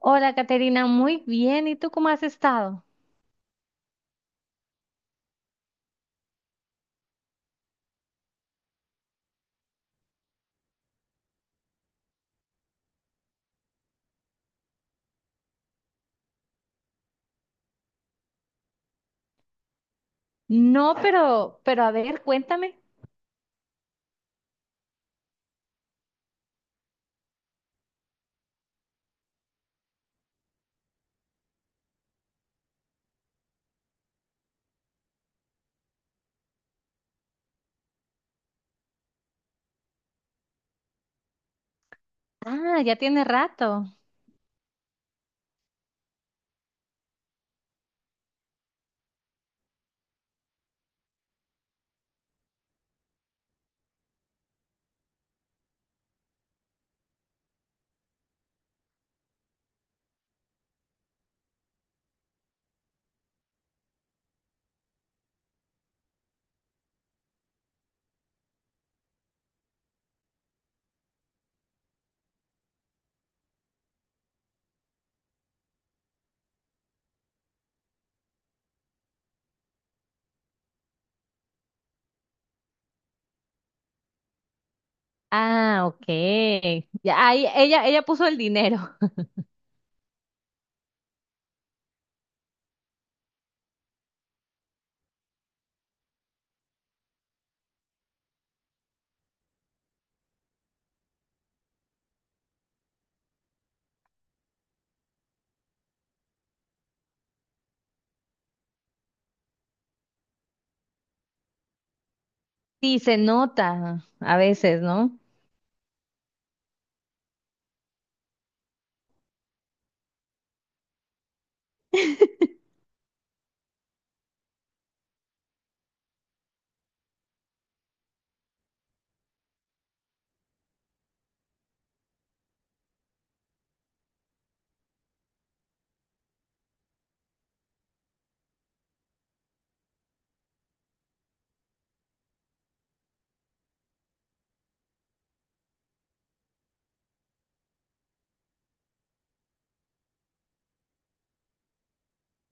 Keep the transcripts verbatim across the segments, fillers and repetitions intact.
Hola, Caterina, muy bien. ¿Y tú cómo has estado? No, pero, pero a ver, cuéntame. Ah, ya tiene rato. Ah, ok. Ya, ahí, ella, ella puso el dinero. Sí, se nota a veces, ¿no?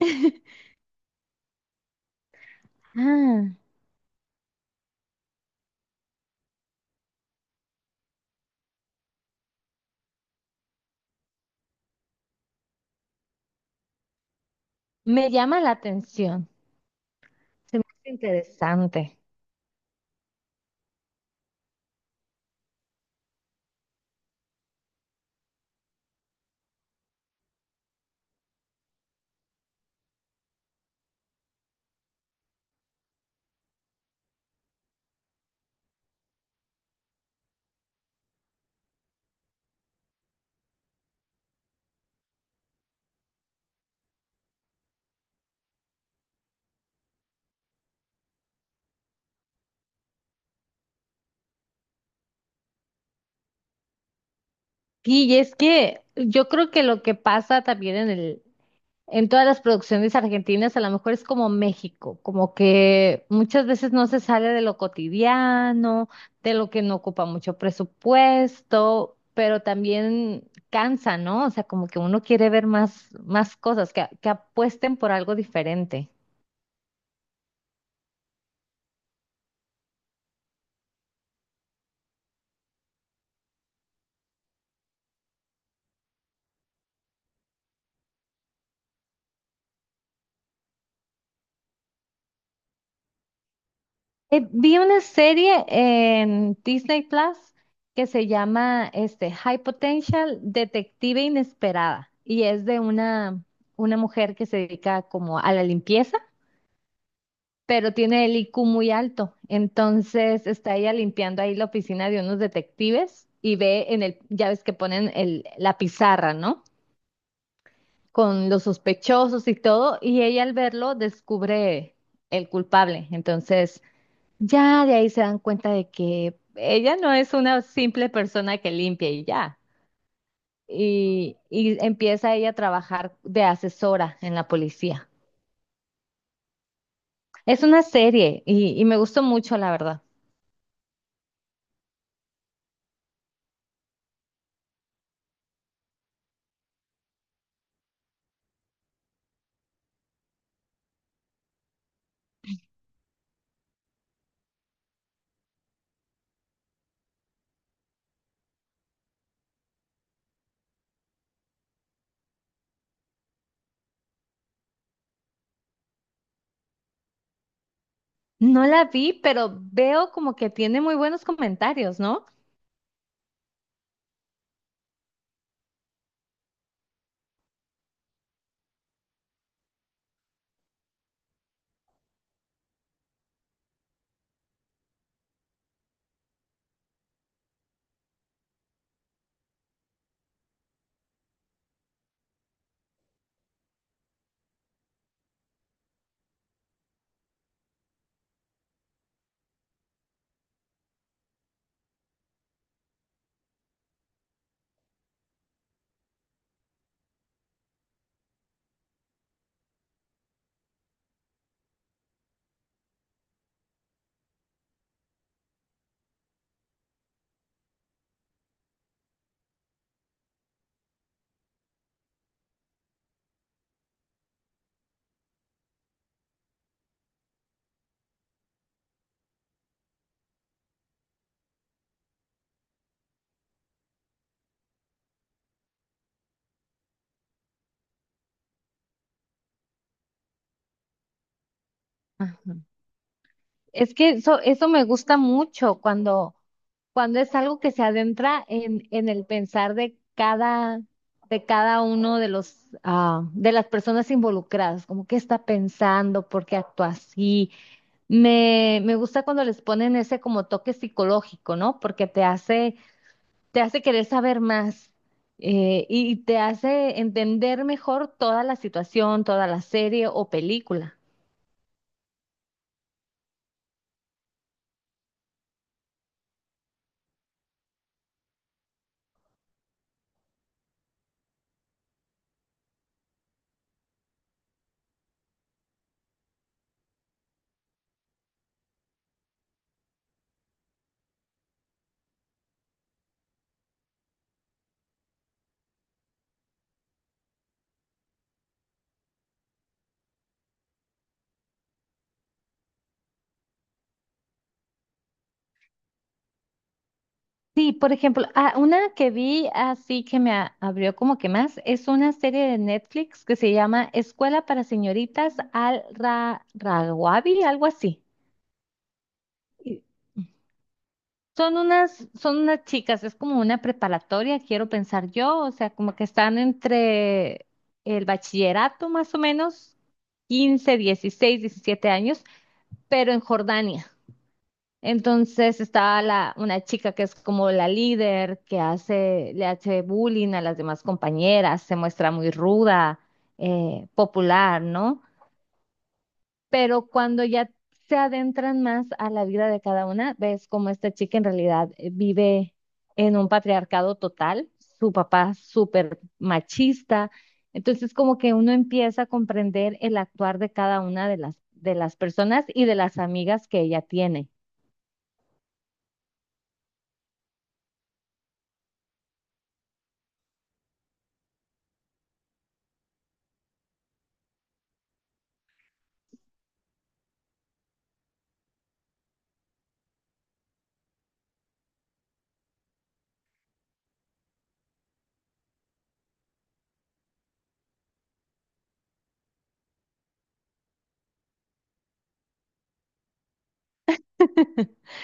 Ah, me llama la atención. Se me hace interesante. Sí, y es que yo creo que lo que pasa también en el, en todas las producciones argentinas, a lo mejor es como México, como que muchas veces no se sale de lo cotidiano, de lo que no ocupa mucho presupuesto, pero también cansa, ¿no? O sea, como que uno quiere ver más, más cosas, que, que apuesten por algo diferente. Eh, vi una serie en Disney Plus que se llama este, High Potential Detective Inesperada, y es de una, una mujer que se dedica como a la limpieza, pero tiene el I Q muy alto. Entonces está ella limpiando ahí la oficina de unos detectives y ve en el, ya ves que ponen el, la pizarra, ¿no? Con los sospechosos y todo, y ella al verlo descubre el culpable. Entonces ya de ahí se dan cuenta de que ella no es una simple persona que limpia y ya. Y, y empieza ella a trabajar de asesora en la policía. Es una serie y y me gustó mucho, la verdad. No la vi, pero veo como que tiene muy buenos comentarios, ¿no? Ajá. Es que eso, eso me gusta mucho cuando, cuando es algo que se adentra en, en el pensar de cada, de cada uno de los, ah, de las personas involucradas, como qué está pensando, por qué actúa así. Me, me gusta cuando les ponen ese como toque psicológico, ¿no? Porque te hace te hace querer saber más, eh, y te hace entender mejor toda la situación, toda la serie o película. Sí, por ejemplo, ah, una que vi así que me a- abrió como que más, es una serie de Netflix que se llama Escuela para Señoritas Al Ra Rawabi, algo así. Y son unas, son unas chicas, es como una preparatoria, quiero pensar yo, o sea, como que están entre el bachillerato más o menos, quince, dieciséis, diecisiete años, pero en Jordania. Entonces estaba la, una chica que es como la líder, que hace, le hace bullying a las demás compañeras, se muestra muy ruda, eh, popular, ¿no? Pero cuando ya se adentran más a la vida de cada una, ves cómo esta chica en realidad eh, vive en un patriarcado total, su papá súper machista. Entonces como que uno empieza a comprender el actuar de cada una de las, de las personas y de las amigas que ella tiene.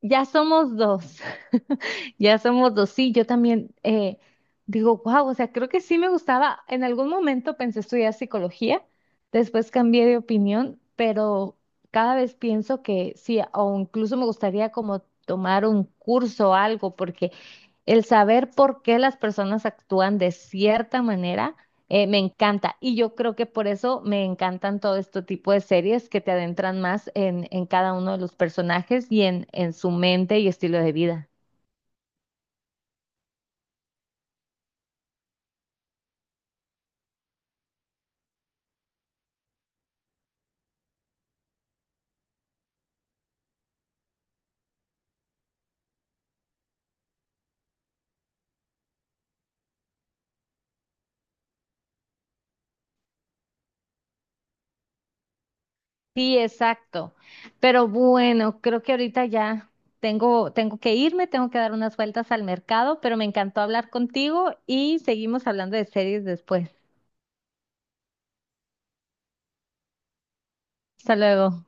Ya somos dos, ya somos dos. Sí, yo también eh, digo, wow. O sea, creo que sí me gustaba. En algún momento pensé estudiar psicología, después cambié de opinión, pero cada vez pienso que sí, o incluso me gustaría como tomar un curso o algo, porque el saber por qué las personas actúan de cierta manera, eh, me encanta. Y yo creo que por eso me encantan todo este tipo de series que te adentran más en, en cada uno de los personajes y en, en su mente y estilo de vida. Sí, exacto. Pero bueno, creo que ahorita ya tengo, tengo que irme, tengo que dar unas vueltas al mercado, pero me encantó hablar contigo y seguimos hablando de series después. Hasta luego.